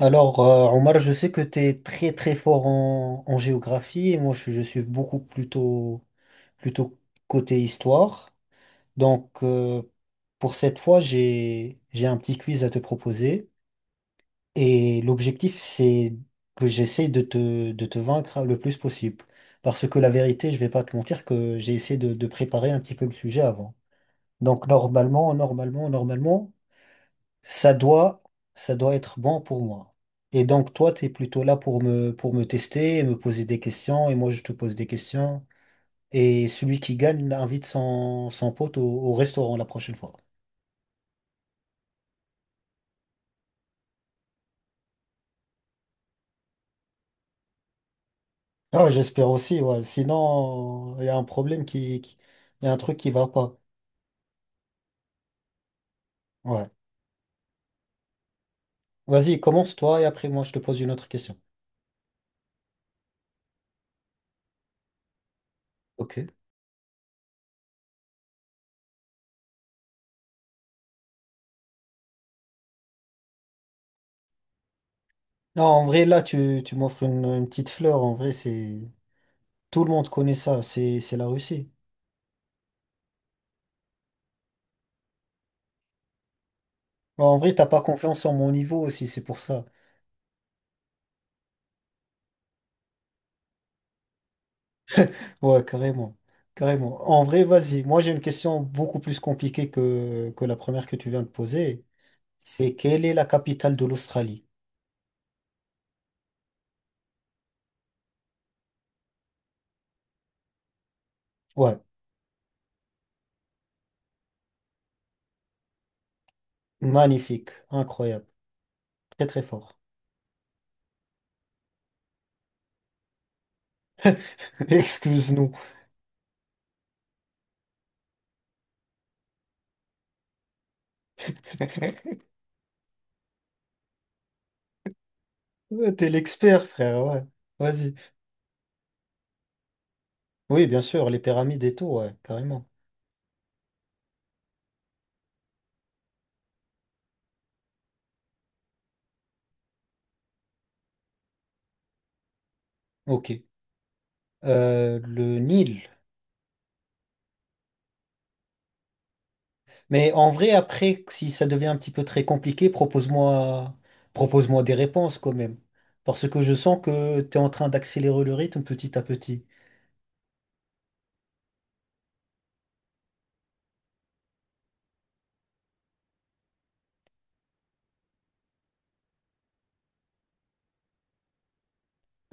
Alors, Omar, je sais que tu es très très fort en géographie et moi je suis beaucoup plutôt côté histoire. Donc, pour cette fois, j'ai un petit quiz à te proposer et l'objectif c'est que j'essaye de te vaincre le plus possible. Parce que la vérité, je vais pas te mentir que j'ai essayé de préparer un petit peu le sujet avant. Donc, normalement, ça doit, ça doit être bon pour moi. Et donc, toi, tu es plutôt là pour me tester et me poser des questions, et moi, je te pose des questions. Et celui qui gagne invite son pote au restaurant la prochaine fois. Ah, ouais, j'espère aussi, ouais. Sinon, il y a un problème il y a un truc qui va pas. Ouais. Vas-y, commence toi, et après, moi, je te pose une autre question. Ok. Non, en vrai, là, tu m'offres une petite fleur. En vrai, c'est... Tout le monde connaît ça. C'est la Russie. Bon, en vrai, t'as pas confiance en mon niveau aussi, c'est pour ça. Ouais, carrément. Carrément. En vrai, vas-y. Moi, j'ai une question beaucoup plus compliquée que la première que tu viens de poser. C'est quelle est la capitale de l'Australie? Ouais, magnifique, incroyable, très très fort. Excuse-nous. Ouais, t'es l'expert, frère, ouais. Vas-y. Oui, bien sûr, les pyramides et tout, ouais, carrément. Ok. Le Nil. Mais en vrai, après, si ça devient un petit peu très compliqué, propose-moi des réponses quand même. Parce que je sens que tu es en train d'accélérer le rythme petit à petit.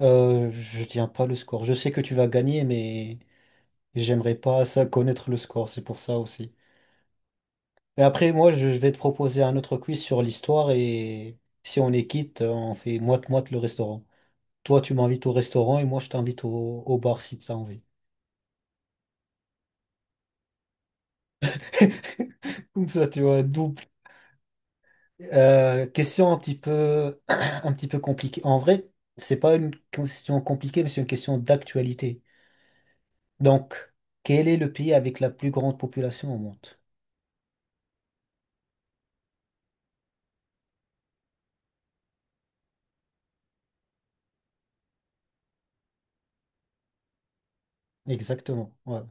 Je tiens pas le score. Je sais que tu vas gagner, mais j'aimerais pas ça connaître le score, c'est pour ça aussi. Mais après, moi, je vais te proposer un autre quiz sur l'histoire et si on est quitte, on fait moite-moite le restaurant. Toi, tu m'invites au restaurant et moi, je t'invite au bar si tu as envie. Comme ça, tu vois, double. Question un petit peu, un petit peu compliquée. En vrai, c'est pas une question compliquée, mais c'est une question d'actualité. Donc, quel est le pays avec la plus grande population au monde? Exactement. Ouais.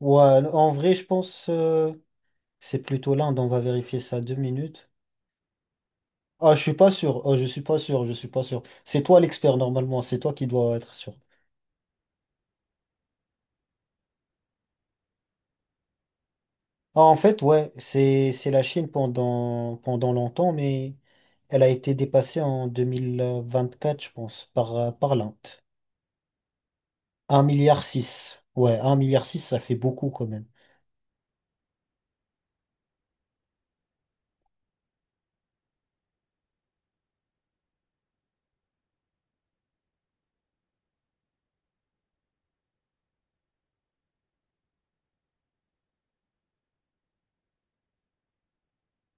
Ouais, en vrai, je pense c'est plutôt l'Inde. On va vérifier ça deux minutes. Ah, je suis pas sûr. Oh, je suis pas sûr. Je suis pas sûr. C'est toi l'expert normalement. C'est toi qui dois être sûr. Ah, en fait, ouais, c'est la Chine pendant longtemps, mais elle a été dépassée en 2024, je pense, par par l'Inde. Un milliard 6, ouais, un milliard 6, ça fait beaucoup quand même.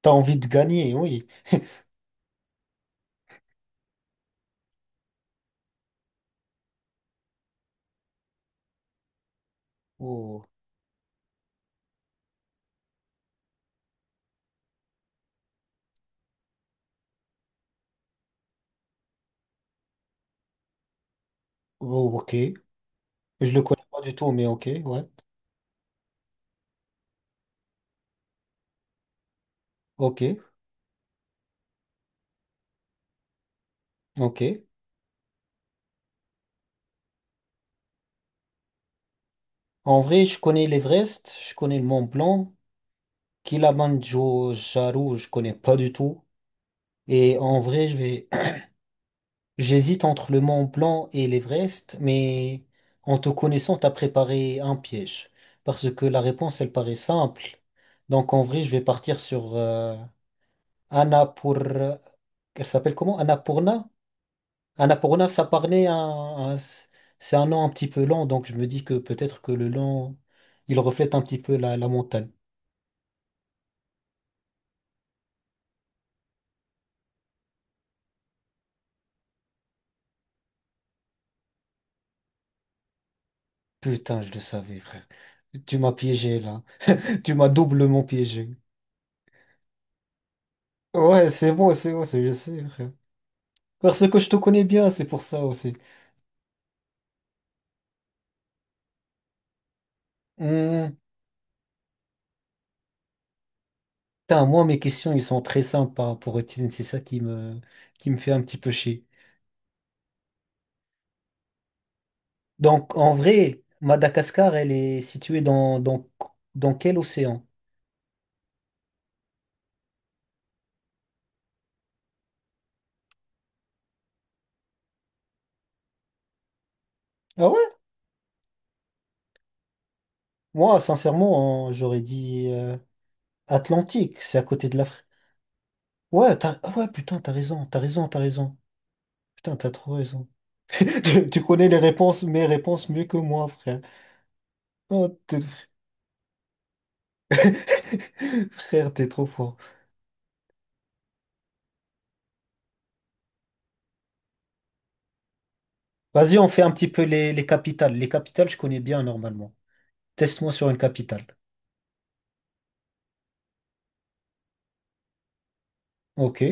T'as envie de gagner, oui. Oh, oh, ok. Je le connais pas du tout, mais ok, ouais. Ok, ok. En vrai, je connais l'Everest, je connais le Mont Blanc, Kilimandjaro, je connais pas du tout. Et en vrai, je vais j'hésite entre le Mont Blanc et l'Everest, mais en te connaissant, t'as préparé un piège. Parce que la réponse, elle paraît simple. Donc en vrai, je vais partir sur Annapur... Elle s'appelle comment? Annapurna? Annapurna, ça parlait c'est un nom un petit peu lent, donc je me dis que peut-être que le nom, il reflète un petit peu la montagne. Putain, je le savais, frère. Tu m'as piégé là. Tu m'as doublement piégé. Ouais, c'est bon, c'est bon, c'est je sais, frère. Parce que je te connais bien, c'est pour ça aussi. Hmm, putain, moi, mes questions, ils sont très simples par rapport aux tiennes. C'est ça qui me fait un petit peu chier. Donc, en vrai, Madagascar, elle est située dans quel océan? Ah ouais? Moi, sincèrement, hein, j'aurais dit Atlantique. C'est à côté de l'Afrique. Ouais, t'as, ah ouais, putain, t'as raison, t'as raison, t'as raison. Putain, t'as trop raison. Tu connais les réponses, mes réponses mieux que moi, frère. Oh, t'es- frère, t'es trop fort. Vas-y, on fait un petit peu les capitales. Les capitales, je connais bien normalement. Teste-moi sur une capitale. Ok.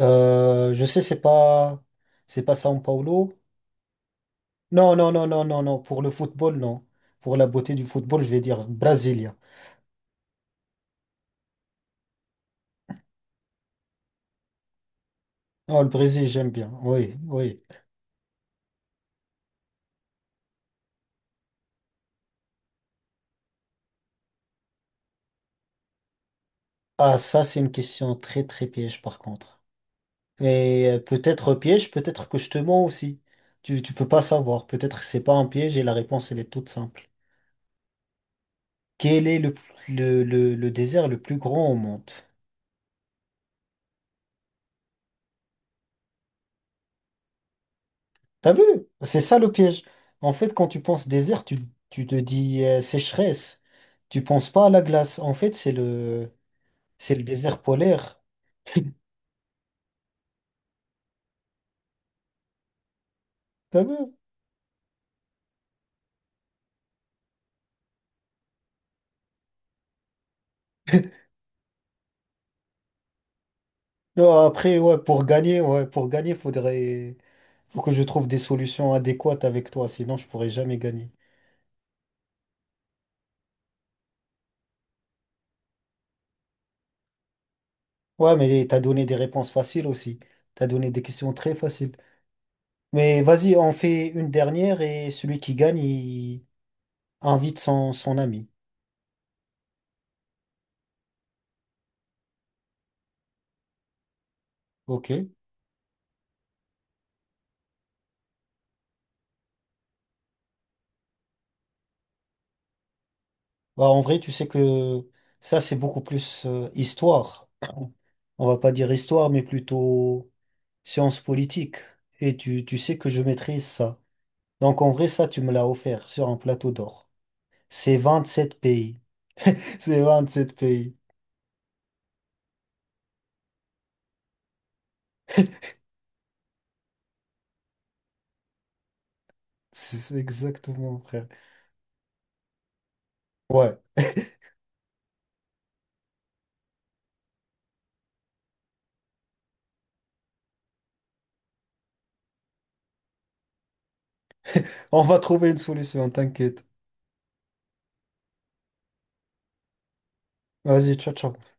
Je sais, c'est pas São Paulo. Non, non, non, non, non, non. Pour le football, non. Pour la beauté du football, je vais dire Brasilia. Non, le Brésil, j'aime bien. Oui, oui. Ah, ça, c'est une question très, très piège, par contre. Mais peut-être piège, peut-être que je te mens aussi. Tu peux pas savoir. Peut-être que c'est pas un piège et la réponse, elle est toute simple. Quel est le désert le plus grand au monde? T'as vu? C'est ça le piège. En fait, quand tu penses désert, tu te dis sécheresse. Tu penses pas à la glace. En fait, c'est le désert polaire. T'as vu? Non, après, ouais, pour gagner, faut que je trouve des solutions adéquates avec toi, sinon je pourrais jamais gagner. Ouais, mais t'as donné des réponses faciles aussi. T'as donné des questions très faciles. Mais vas-y, on fait une dernière et celui qui gagne, il invite son ami. Ok? Bah, en vrai, tu sais que ça, c'est beaucoup plus histoire. On va pas dire histoire, mais plutôt science politique. Et tu sais que je maîtrise ça. Donc, en vrai, ça, tu me l'as offert sur un plateau d'or. C'est 27 pays. C'est 27 pays. C'est exactement, frère. Ouais. On va trouver une solution, t'inquiète. Vas-y, ciao, ciao.